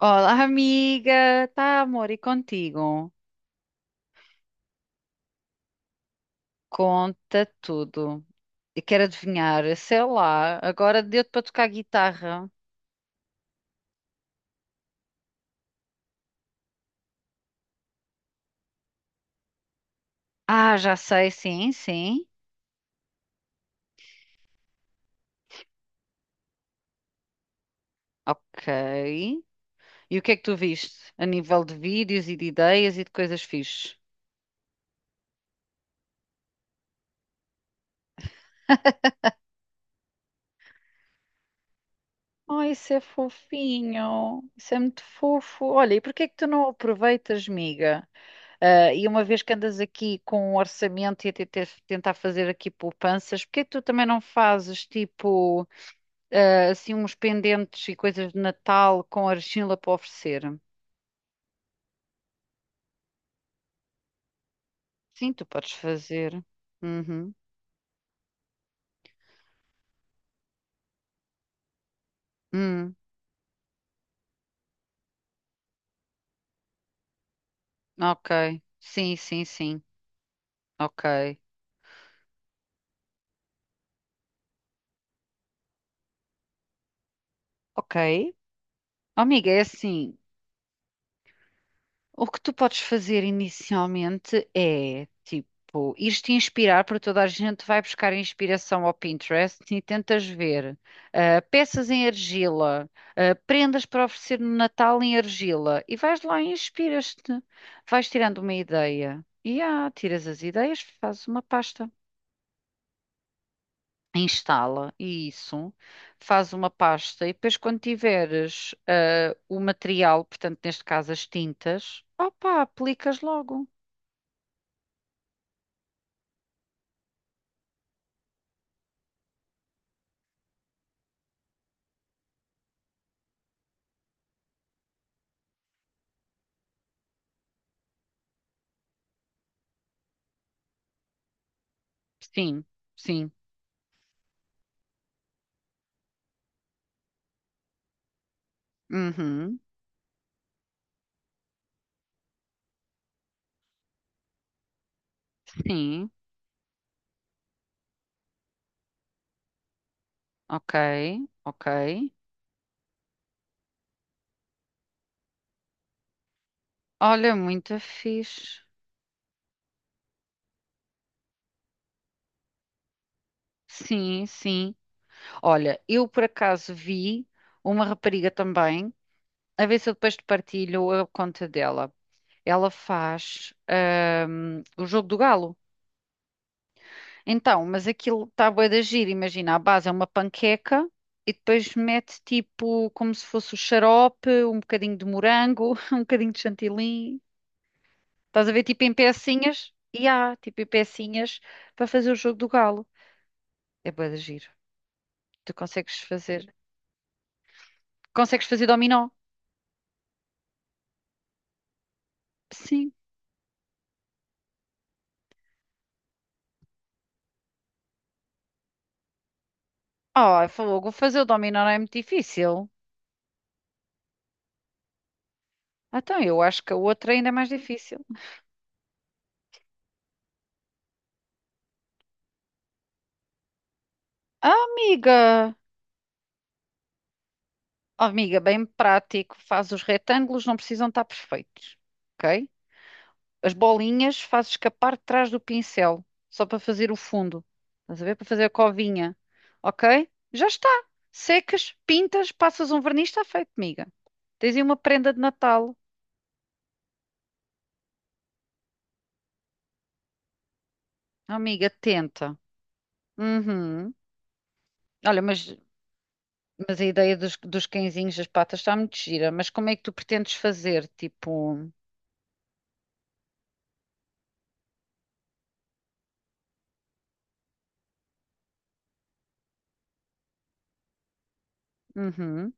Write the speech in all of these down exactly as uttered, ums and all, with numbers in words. Olá, amiga. Tá, amor, e contigo? Conta tudo. E quero adivinhar, sei lá, agora deu-te para tocar guitarra. Ah, já sei, sim, sim. Ok. E o que é que tu viste? A nível de vídeos e de ideias e de coisas fixes? Oh, isso é fofinho. Isso é muito fofo. Olha, e porquê é que tu não aproveitas, amiga? Ah, e uma vez que andas aqui com um orçamento e a te- te- tentar fazer aqui poupanças, porquê é que tu também não fazes tipo, assim uns pendentes e coisas de Natal com argila para oferecer. Sim, tu podes fazer. Uhum. Hum, ok. Sim, sim, sim. Ok. Ok. Oh, amiga, é assim. O que tu podes fazer inicialmente é, tipo, ir-te inspirar, porque toda a gente vai buscar inspiração ao Pinterest e tentas ver ah, peças em argila, ah, prendas para oferecer no Natal em argila, e vais lá e inspiras-te. Vais tirando uma ideia. E ah, tiras as ideias, fazes uma pasta. Instala e isso, faz uma pasta e depois quando tiveres ah, o material, portanto neste caso as tintas, opá, aplicas logo. Sim, sim. Uhum, sim. Ok, ok. Olha, muito fixe. Sim, sim. Olha, eu por acaso vi uma rapariga também, a ver se eu depois te partilho a conta dela. Ela faz ahm, o jogo do galo. Então, mas aquilo está bué de giro. Imagina, a base é uma panqueca e depois mete tipo como se fosse o xarope, um bocadinho de morango, um bocadinho de chantilly. Estás a ver tipo em pecinhas? E há tipo em pecinhas para fazer o jogo do galo. É bué de giro. Tu consegues fazer. Consegues fazer dominó? Sim. Ah, falou, vou fazer o dominó não é muito difícil. Então, eu acho que a outra ainda é mais difícil. Ah, amiga! Oh, amiga, bem prático. Faz os retângulos, não precisam estar perfeitos. Ok? As bolinhas faço escapar de trás do pincel, só para fazer o fundo. Estás a ver? Para fazer a covinha. Ok? Já está. Secas, pintas, passas um verniz, está feito, amiga. Tens aí uma prenda de Natal. Oh, amiga, tenta. Uhum. Olha, mas, mas a ideia dos, dos cãezinhos das patas está muito gira. Mas como é que tu pretendes fazer? Tipo. Uhum.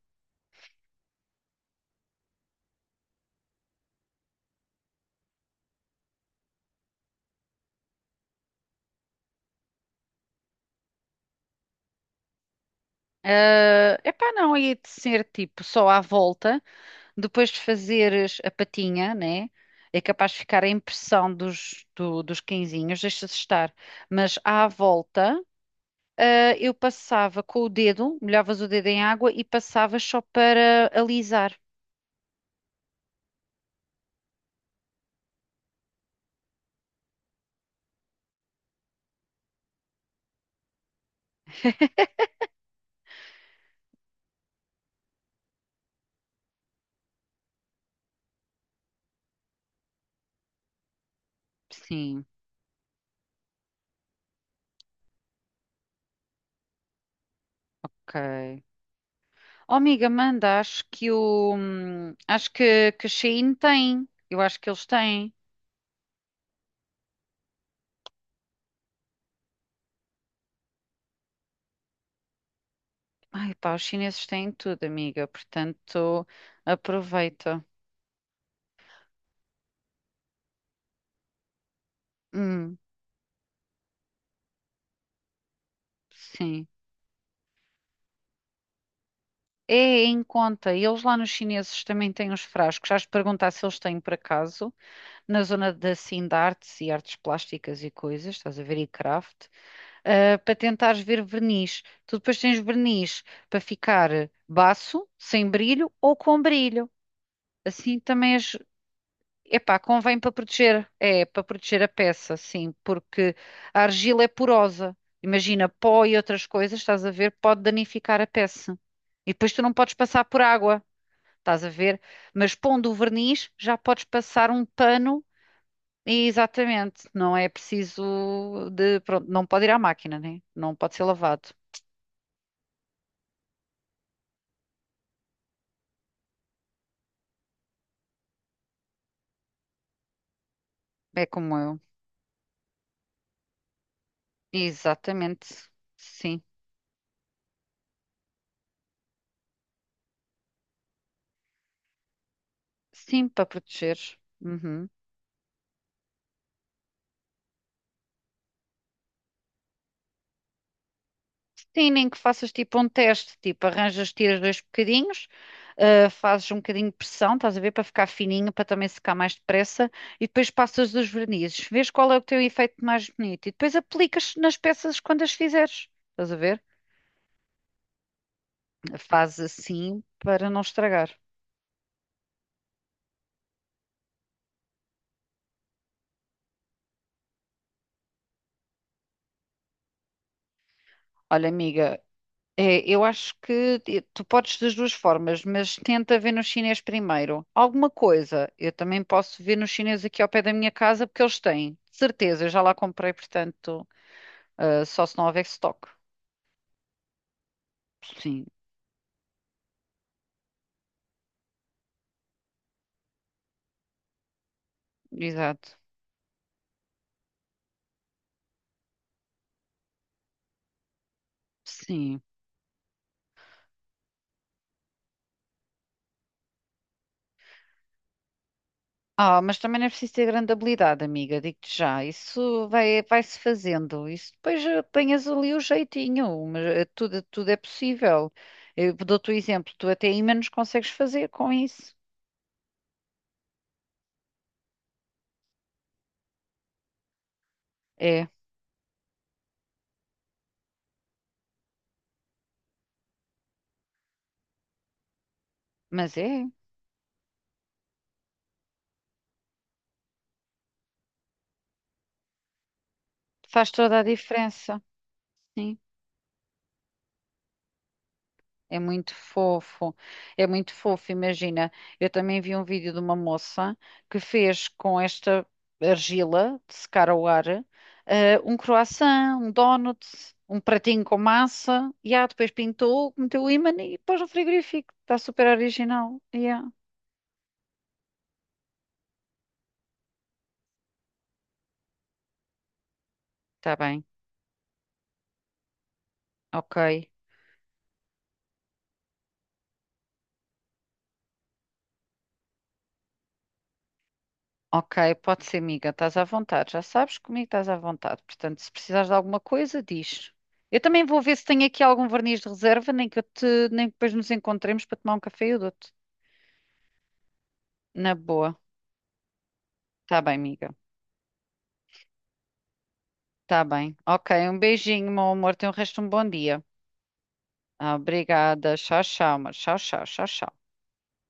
Ah, epá, não, ia de ser tipo só à volta. Depois de fazeres a patinha, né? É capaz de ficar a impressão dos, do- dos quinzinhos, deixa-se estar. Mas à volta, ah, eu passava com o dedo, molhavas o dedo em água e passavas só para alisar. Sim, ok. Oh, amiga, manda, acho que o. hum, Acho que, que a Shein tem. Eu acho que eles têm. Ai, pá, os chineses têm tudo, amiga. Portanto, aproveita. Hum, sim. É em conta. E eles lá nos chineses também têm uns frascos. Já te perguntar se eles têm por acaso, na zona da assim, de artes e artes plásticas e coisas, estás a ver, e craft, ah, para tentares ver verniz. Tu depois tens verniz para ficar baço, sem brilho ou com brilho. Assim também és. Epá, convém para proteger, é, para proteger a peça, sim, porque a argila é porosa. Imagina, pó e outras coisas, estás a ver, pode danificar a peça. E depois tu não podes passar por água, estás a ver? Mas pondo o verniz, já podes passar um pano e exatamente, não é preciso de, pronto, não pode ir à máquina, né? Não pode ser lavado. É como eu. Exatamente. Sim. Sim, para proteger. Uhum. Sim, nem que faças tipo um teste, tipo, arranjas, tiras dois bocadinhos, ah, fazes um bocadinho de pressão, estás a ver, para ficar fininho, para também secar mais depressa, e depois passas os vernizes, vês qual é o teu efeito mais bonito, e depois aplicas nas peças quando as fizeres, estás a ver? Faz assim para não estragar. Olha, amiga, é, eu acho que te- tu podes das duas formas, mas tenta ver no chinês primeiro. Alguma coisa, eu também posso ver no chinês aqui ao pé da minha casa, porque eles têm, de certeza, eu já lá comprei, portanto, ah, só se não houver estoque. Sim, exato. Sim. Ah, mas também não é preciso ter grande habilidade, amiga, digo-te já. Isso vai, vai-se fazendo. Isso depois apanhas ali o jeitinho, mas eh, tudo, tudo é possível. Eu dou-te o exemplo, tu até ímãs consegues fazer com isso. É, mas é. Faz toda a diferença, sim. É muito fofo, é muito fofo. Imagina, eu também vi um vídeo de uma moça que fez com esta argila de secar ao ar, eh, um croissant, um donut, um pratinho com massa, e ah, depois pintou, meteu o ímã e pôs no frigorífico. Está super original. Yeah. Está bem, ok. Ok, pode ser, amiga, estás à vontade. Já sabes que comigo estás à vontade. Portanto, se precisares de alguma coisa, diz. Eu também vou ver se tenho aqui algum verniz de reserva, nem que eu te, nem que depois nos encontremos para tomar um café e eu dou-te. Na boa. Tá bem, amiga. Tá bem. Ok, um beijinho, meu amor. Tenha o resto de um bom dia. Ah, obrigada. Tchau, tchau, amor. Tchau, tchau, tchau, tchau.